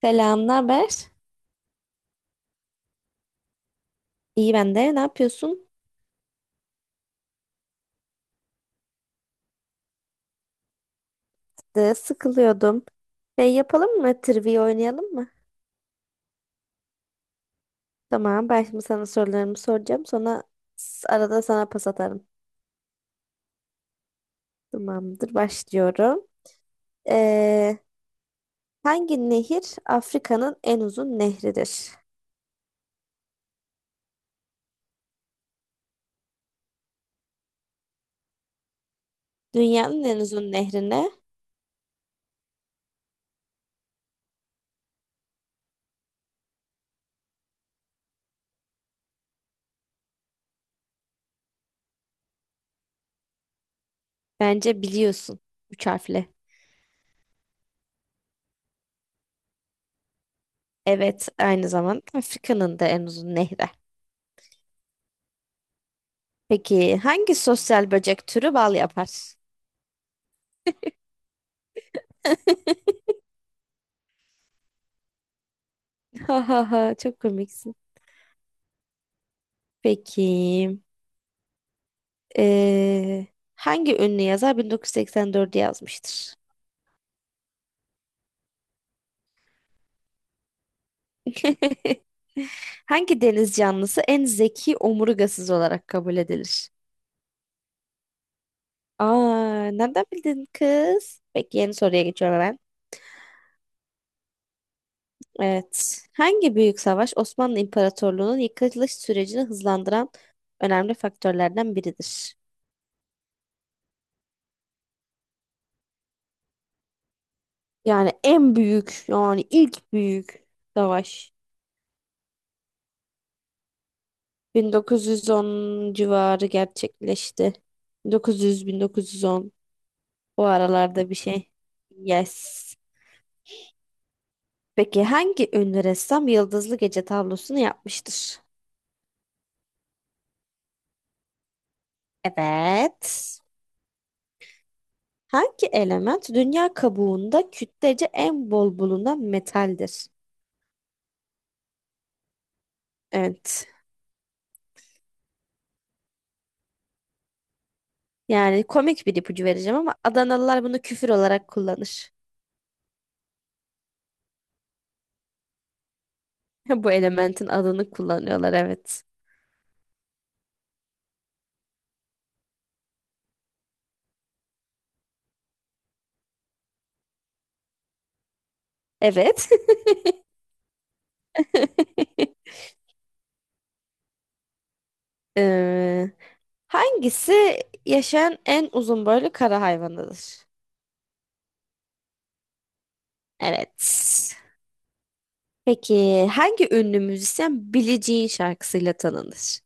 Selam, ne haber? İyi ben de. Ne yapıyorsun? De, sıkılıyordum. Şey yapalım mı? Trivia oynayalım mı? Tamam, ben şimdi sana sorularımı soracağım. Sonra arada sana pas atarım. Tamamdır, başlıyorum. Ee, hangi nehir Afrika'nın en uzun nehridir? Dünyanın en uzun nehrine bence biliyorsun. Üç harfli. Evet, aynı zamanda Afrika'nın da en uzun nehri. Peki hangi sosyal böcek türü bal yapar? Ha ha ha çok komiksin. Peki. eee, hangi ünlü yazar 1984'ü yazmıştır? Hangi deniz canlısı en zeki omurgasız olarak kabul edilir? Aa, nereden bildin kız? Peki yeni soruya geçiyorum hemen. Evet. Hangi büyük savaş Osmanlı İmparatorluğu'nun yıkılış sürecini hızlandıran önemli faktörlerden biridir? Yani en büyük, yani ilk büyük savaş. 1910 civarı gerçekleşti. 1900-1910 o aralarda bir şey. Yes. Peki hangi ünlü ressam Yıldızlı Gece tablosunu yapmıştır? Evet. Hangi element dünya kabuğunda kütlece en bol bulunan metaldir? Evet. Yani komik bir ipucu vereceğim ama Adanalılar bunu küfür olarak kullanır. Bu elementin adını kullanıyorlar, evet. Evet. Ee, Hangisi yaşayan en uzun boylu kara hayvanıdır? Evet. Peki hangi ünlü müzisyen Billie Jean şarkısıyla tanınır?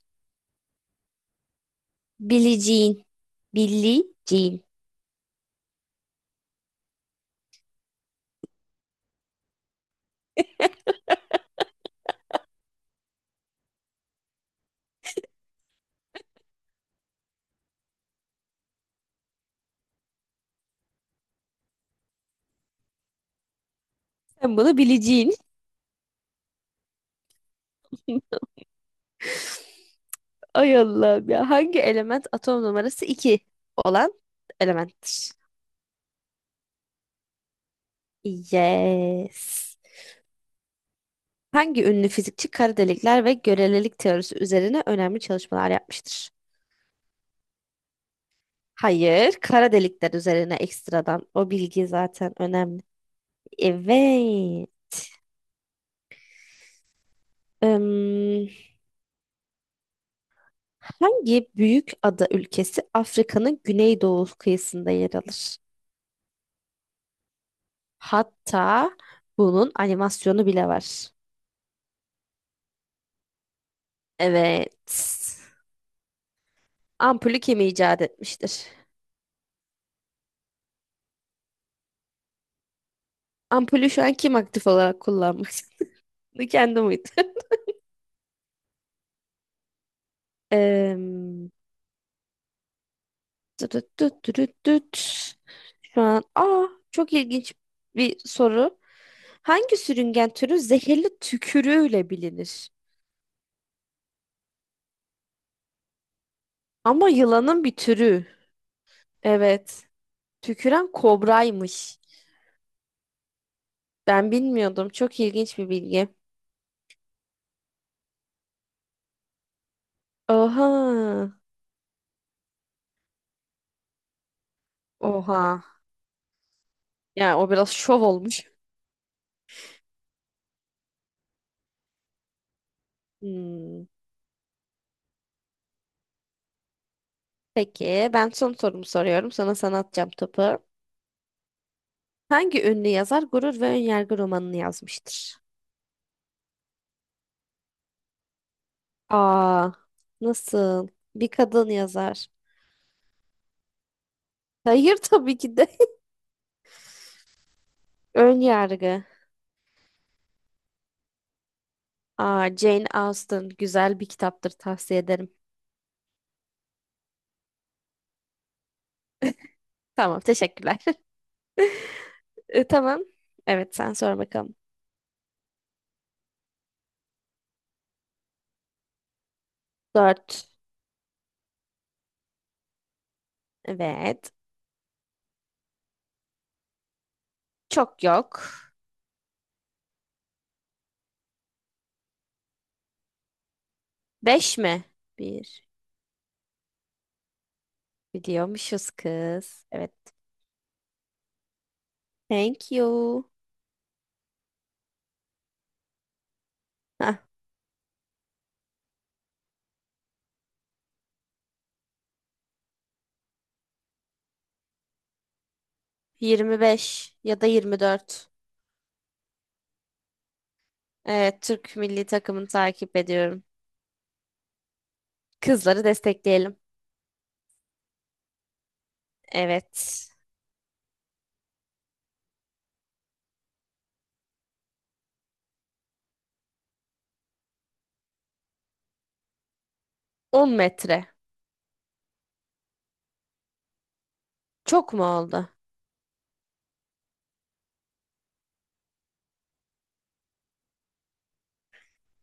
Billie Jean. Billie Jean. Sen bunu Billie Jean. Ay Allah'ım ya. Hangi element atom numarası 2 olan elementtir? Yes. Hangi ünlü fizikçi kara delikler ve görelilik teorisi üzerine önemli çalışmalar yapmıştır? Hayır, kara delikler üzerine ekstradan. O bilgi zaten önemli. Evet. Im, hangi büyük ada ülkesi Afrika'nın güneydoğu kıyısında yer alır? Hatta bunun animasyonu bile var. Evet. Ampulü kim icat etmiştir? Ampulü şu an kim aktif olarak kullanmak istiyor? Kendi muydu? Im, tütüt tütüt tütüt. Şu an çok ilginç bir soru. Hangi sürüngen türü zehirli tükürüğüyle bilinir? Ama yılanın bir türü. Evet. Tüküren kobraymış. Ben bilmiyordum. Çok ilginç bir bilgi. Oha. Oha. Yani o biraz şov olmuş. Hmm. Peki ben son sorumu soruyorum. Sana atacağım topu. Hangi ünlü yazar Gurur ve Önyargı romanını yazmıştır? Aa, nasıl? Bir kadın yazar. Hayır, tabii ki de. Ön yargı. Aa, Jane Austen güzel bir kitaptır, tavsiye ederim. Tamam, teşekkürler. E, tamam. Evet, sen sor bakalım. Dört. Evet. Çok yok. Beş mi? Bir. Biliyormuşuz kız. Evet. Thank you. Hah, 25 ya da 24. Evet, Türk milli takımını takip ediyorum. Kızları destekleyelim. Evet. 10 metre. Çok mu oldu?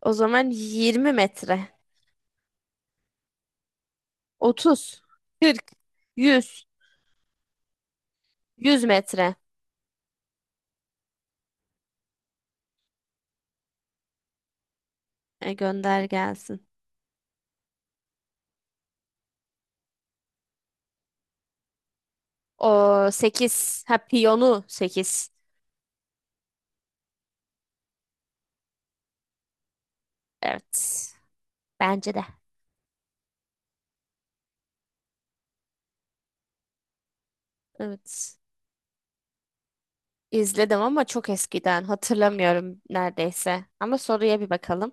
O zaman 20 metre. 30, 40, 100 100 metre. E, gönder gelsin. O 8, piyonu 8. Evet. Bence de. Evet. İzledim ama çok eskiden. Hatırlamıyorum neredeyse. Ama soruya bir bakalım.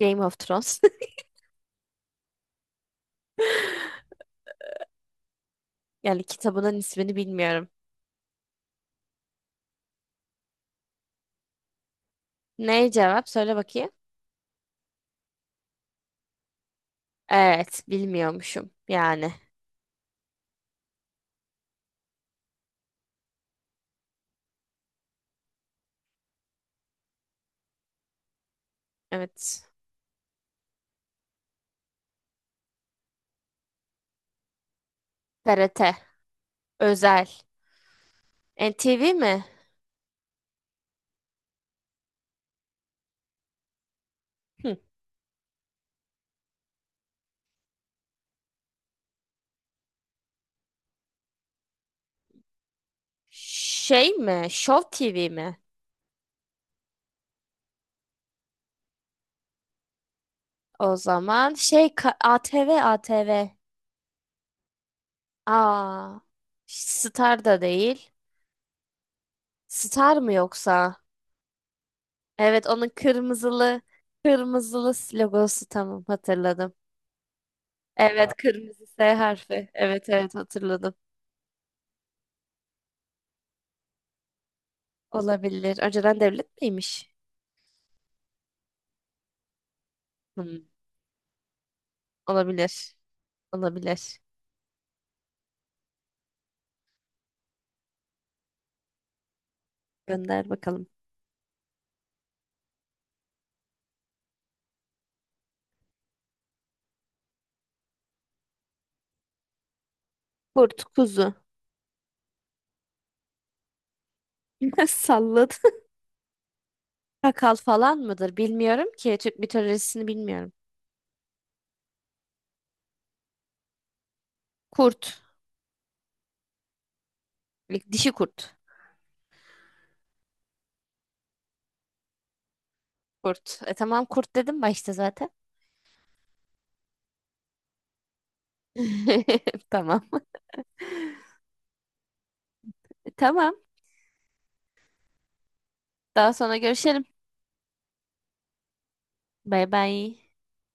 Game of Thrones. Yani kitabının ismini bilmiyorum. Ne cevap? Söyle bakayım. Evet. Bilmiyormuşum. Yani. Evet. TRT. Özel. NTV mi? Hı. Şey mi? Show TV mi? O zaman ATV ATV. Aa, Star da değil. Star mı yoksa? Evet, onun kırmızılı kırmızılı logosu, tamam hatırladım. Evet, kırmızı S harfi. Evet, evet, hatırladım. Olabilir. Önceden devlet miymiş? Hmm, olabilir. Olabilir. Gönder bakalım. Kurt, kuzu. Salladı. Kakal falan mıdır? Bilmiyorum ki. Türk mitolojisini bilmiyorum. Kurt. Dişi kurt. Kurt. E, tamam, kurt dedim başta zaten. Tamam. E, tamam. Daha sonra görüşelim. Bay bay.